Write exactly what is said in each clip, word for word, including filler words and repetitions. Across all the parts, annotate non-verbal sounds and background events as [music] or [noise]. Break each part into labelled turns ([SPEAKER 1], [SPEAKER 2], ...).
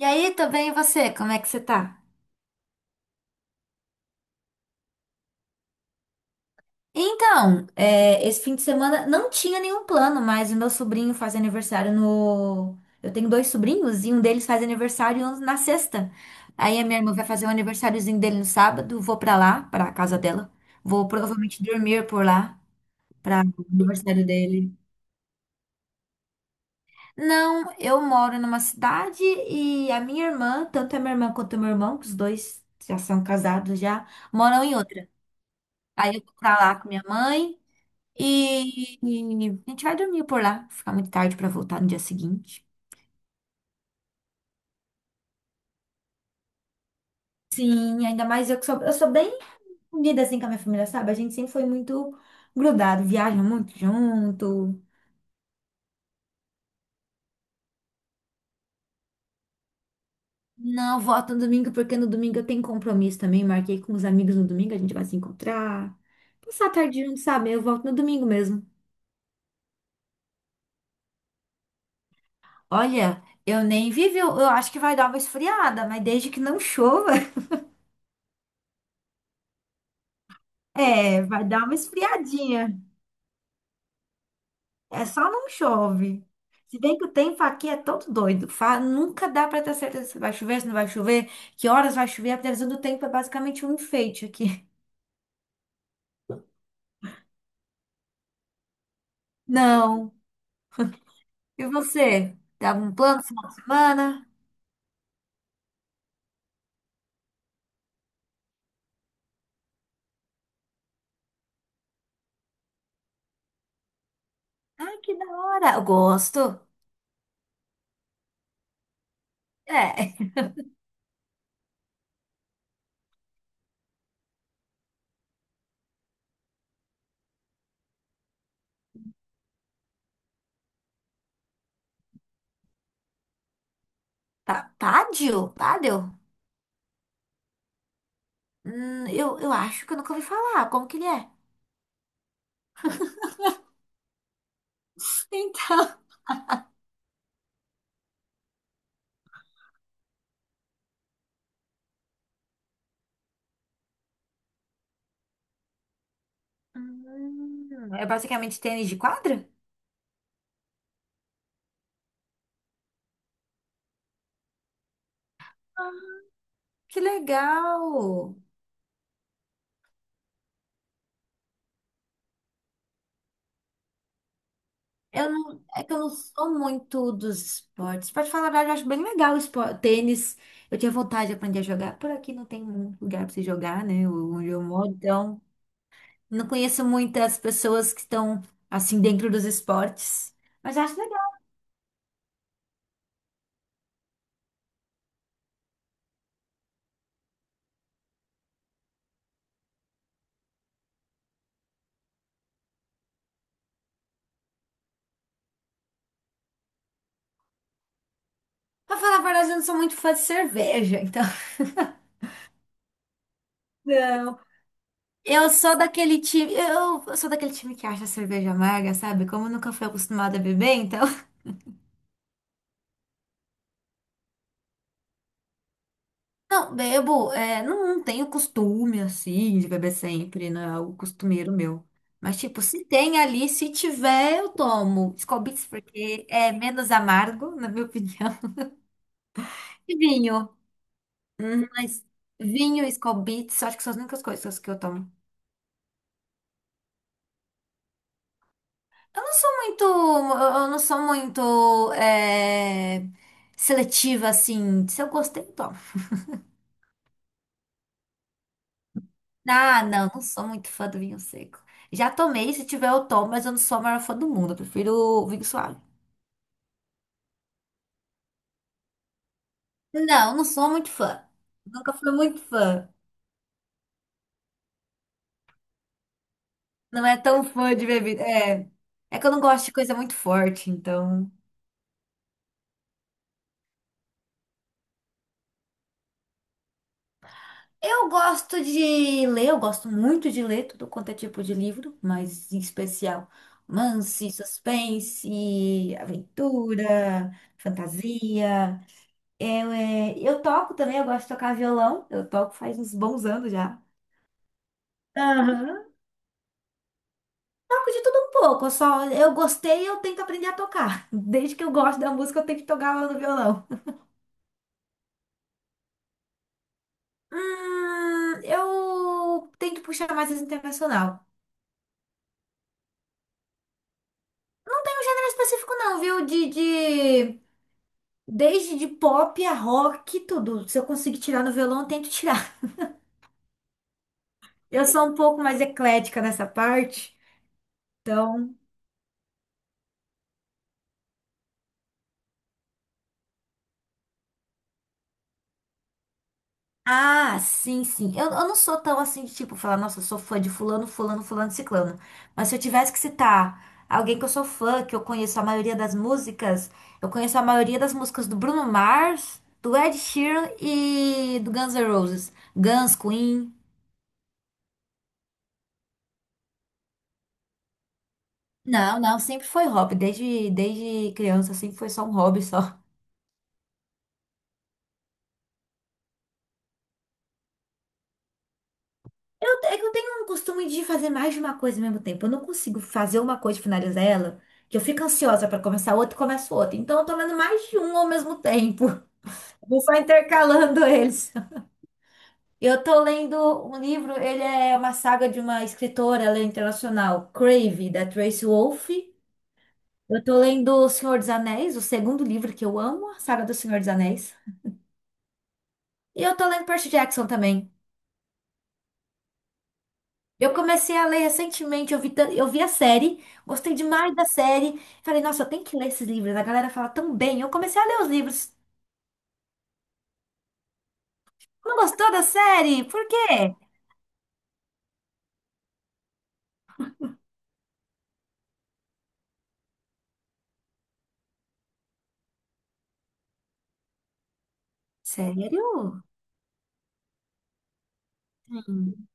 [SPEAKER 1] E aí, tô bem, e você? Como é que você tá? Então, é, esse fim de semana não tinha nenhum plano, mas o meu sobrinho faz aniversário no. Eu tenho dois sobrinhos e um deles faz aniversário na sexta. Aí a minha irmã vai fazer o aniversáriozinho dele no sábado, vou pra lá, pra casa dela. Vou provavelmente dormir por lá, pra o aniversário dele. Não, eu moro numa cidade e a minha irmã, tanto a minha irmã quanto o meu irmão, que os dois já são casados já, moram em outra. Aí eu vou pra lá com minha mãe. E, e a gente vai dormir por lá, ficar muito tarde pra voltar no dia seguinte. Sim, ainda mais eu que sou, eu sou bem unida assim com a minha família, sabe? A gente sempre foi muito grudado, viaja muito junto. Não, volto no domingo, porque no domingo eu tenho compromisso também. Marquei com os amigos no domingo, a gente vai se encontrar. Passar a tarde junto, sabe? Eu volto no domingo mesmo. Olha, eu nem vivi, eu eu acho que vai dar uma esfriada, mas desde que não chova, [laughs] é, vai dar uma esfriadinha. É só não chove. Se bem que o tempo aqui é todo doido. Fa- Nunca dá para ter certeza se vai chover, se não vai chover, que horas vai chover. A previsão do tempo é basicamente um enfeite aqui. [laughs] Não. E você? Dá um plano final de semana? Ai, que da hora. Eu gosto. É. [laughs] Pá- Pádio? Pádio? Hum, eu, eu acho que eu nunca ouvi falar. Como que ele é? [laughs] Então. Hum, é basicamente tênis de quadra? Que legal! Eu não, é que eu não sou muito dos esportes. Pra te falar a verdade, eu acho bem legal o esporte. Tênis, eu tinha vontade de aprender a jogar. Por aqui não tem muito lugar pra você jogar, né? o- Onde eu moro, então não conheço muitas pessoas que estão assim dentro dos esportes. Mas eu acho legal. Pra falar a verdade, eu não sou muito fã de cerveja, então. [laughs] Não. Eu sou daquele time, eu, eu sou daquele time que acha a cerveja amarga, sabe? Como eu nunca fui acostumada a beber, então. Não, bebo, é, não, não tenho costume assim de beber sempre, não é algo costumeiro meu. Mas, tipo, se tem ali, se tiver, eu tomo Skol Beats, porque é menos amargo, na minha opinião. [laughs] E vinho. Hum, Mas vinho e Skol Beats, acho que são as únicas coisas que eu tomo. Eu não sou muito, eu eu não sou muito é, seletiva, assim. Se eu gostei, eu tomo. Ah, não, não sou muito fã do vinho seco. Já tomei, se tiver eu tomo, mas eu não sou a maior fã do mundo. Eu prefiro o vinho suave. Não, não sou muito fã. Nunca fui muito fã. Não é tão fã de bebida. É, é que eu não gosto de coisa muito forte, então. Eu gosto de ler, eu gosto muito de ler tudo quanto é tipo de livro, mas em especial romance, suspense, aventura, fantasia. Eu, é, eu toco também, eu gosto de tocar violão. Eu toco faz uns bons anos já. Aham. Toco de tudo um pouco, eu só eu gostei, eu tento aprender a tocar. [laughs] Desde que eu gosto da música, eu tenho que tocar ela no violão. Hum, eu tento puxar mais esse internacional. Não tem um gênero específico não, viu? De, de desde de pop a rock, tudo. Se eu conseguir tirar no violão, eu tento tirar. Eu sou um pouco mais eclética nessa parte. Então, ah, sim, sim. Eu, eu não sou tão assim de tipo falar, nossa, eu sou fã de fulano, fulano, fulano, ciclano. Mas se eu tivesse que citar alguém que eu sou fã, que eu conheço a maioria das músicas, eu conheço a maioria das músicas do Bruno Mars, do Ed Sheeran e do Guns N' Roses. Guns, Queen. Não, não, sempre foi hobby. Desde, desde criança, sempre foi só um hobby só. Eu, te- é que eu tenho um costume de fazer mais de uma coisa ao mesmo tempo. Eu não consigo fazer uma coisa e finalizar ela, que eu fico ansiosa para começar outra e começo outra. Então eu tô lendo mais de um ao mesmo tempo. [laughs] Vou só intercalando eles. Eu tô lendo um livro, ele é uma saga de uma escritora, ela é internacional, Crave, da Tracy Wolfe. Eu tô lendo O Senhor dos Anéis, o segundo livro que eu amo, a saga do Senhor dos Anéis. E eu tô lendo Percy Jackson também. Eu comecei a ler recentemente, eu vi, tan- eu vi a série, gostei demais da série. Falei, nossa, eu tenho que ler esses livros, a galera fala tão bem. Eu comecei a ler os livros. Não gostou da série? Por quê? Sério? Sim.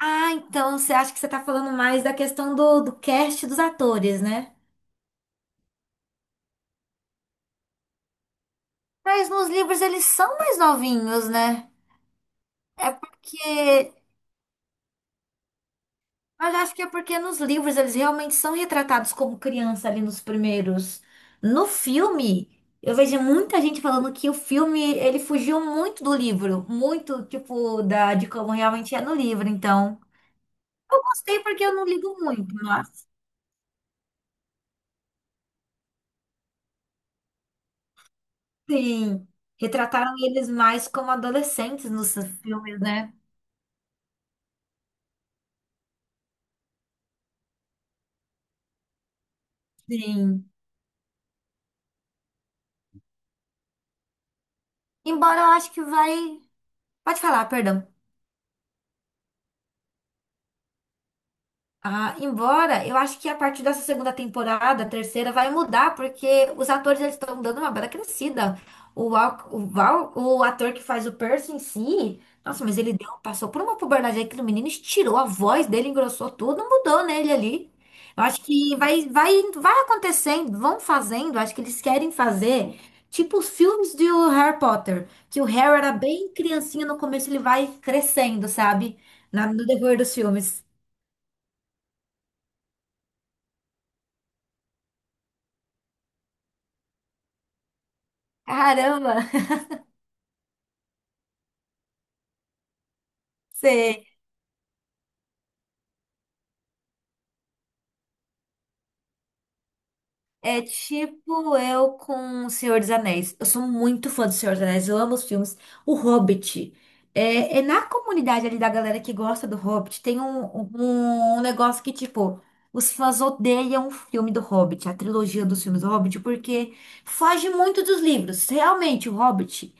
[SPEAKER 1] Ah, então você acha que você tá falando mais da questão do, do cast dos atores, né? Mas nos livros eles são mais novinhos, né? É porque mas eu acho que é porque nos livros eles realmente são retratados como criança ali nos primeiros. No filme, eu vejo muita gente falando que o filme ele fugiu muito do livro, muito tipo da de como realmente é no livro. Então, eu gostei porque eu não ligo muito, mas sim, retrataram eles mais como adolescentes nos filmes, né? Sim. Embora eu acho que vai. Pode falar, perdão. Ah, embora eu acho que a partir dessa segunda temporada, terceira, vai mudar, porque os atores eles estão dando uma bela crescida. O, Val, o, Val, o ator que faz o Percy em si, nossa, mas ele deu, passou por uma puberdade aí que o menino estirou a voz dele, engrossou tudo, mudou nele ali. Eu acho que vai, vai, vai acontecendo, vão fazendo, acho que eles querem fazer tipo os filmes do Harry Potter, que o Harry era bem criancinha no começo, ele vai crescendo, sabe? Na- no decorrer dos filmes. Caramba! Sei. É tipo eu com O Senhor dos Anéis. Eu sou muito fã do Senhor dos Anéis, eu amo os filmes. O Hobbit. É, é na comunidade ali da galera que gosta do Hobbit, tem um, um, um negócio que, tipo, os fãs odeiam o filme do Hobbit, a trilogia dos filmes do Hobbit, porque foge muito dos livros. Realmente, o Hobbit,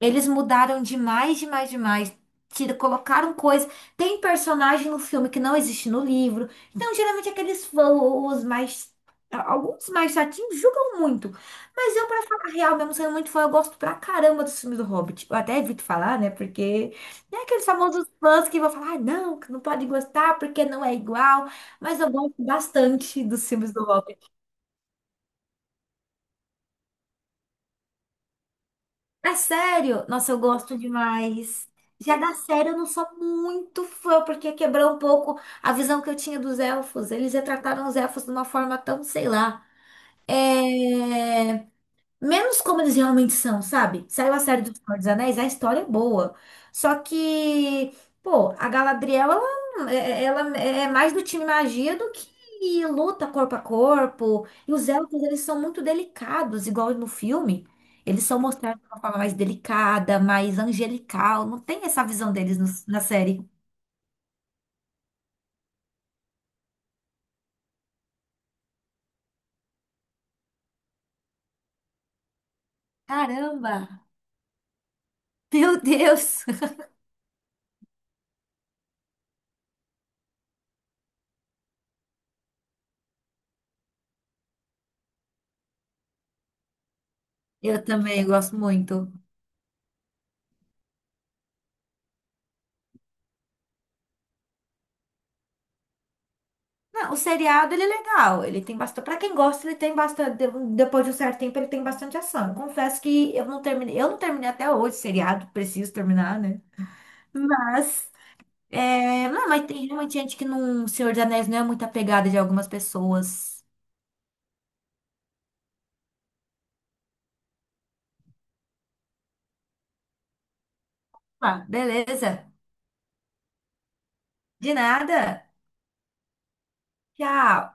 [SPEAKER 1] eles mudaram demais, demais, demais. Tira- Colocaram coisa. Tem personagem no filme que não existe no livro. Então, geralmente, aqueles fãs, os mais alguns mais chatinhos julgam muito. Mas eu, pra falar a real, mesmo sendo muito fã, eu gosto pra caramba dos filmes do Hobbit. Eu até evito falar, né? Porque é aqueles famosos fãs que vão falar, ah, não, que não pode gostar porque não é igual. Mas eu gosto bastante dos filmes do Hobbit. É sério? Nossa, eu gosto demais. Já da série eu não sou muito fã, porque quebrou um pouco a visão que eu tinha dos elfos. Eles retrataram os elfos de uma forma tão, sei lá. É... menos como eles realmente são, sabe? Saiu a série do Senhor dos Anéis, a história é boa. Só que, pô, a Galadriel, ela, é- é, ela é mais do time magia do que luta corpo a corpo. E os elfos, eles são muito delicados, igual no filme. Eles são mostrados de uma forma mais delicada, mais angelical. Não tem essa visão deles no- na série. Caramba! Meu Deus! Eu também gosto muito. Não, o seriado ele é legal, ele tem bastante. Pra quem gosta, ele tem bastante. de- Depois de um certo tempo, ele tem bastante ação. Eu confesso que eu não terminei, eu não terminei até hoje o seriado, preciso terminar, né? Mas, é, não, mas tem realmente gente que não, Senhor dos Anéis não é muito apegada de algumas pessoas. Ah, beleza. De nada. Tchau.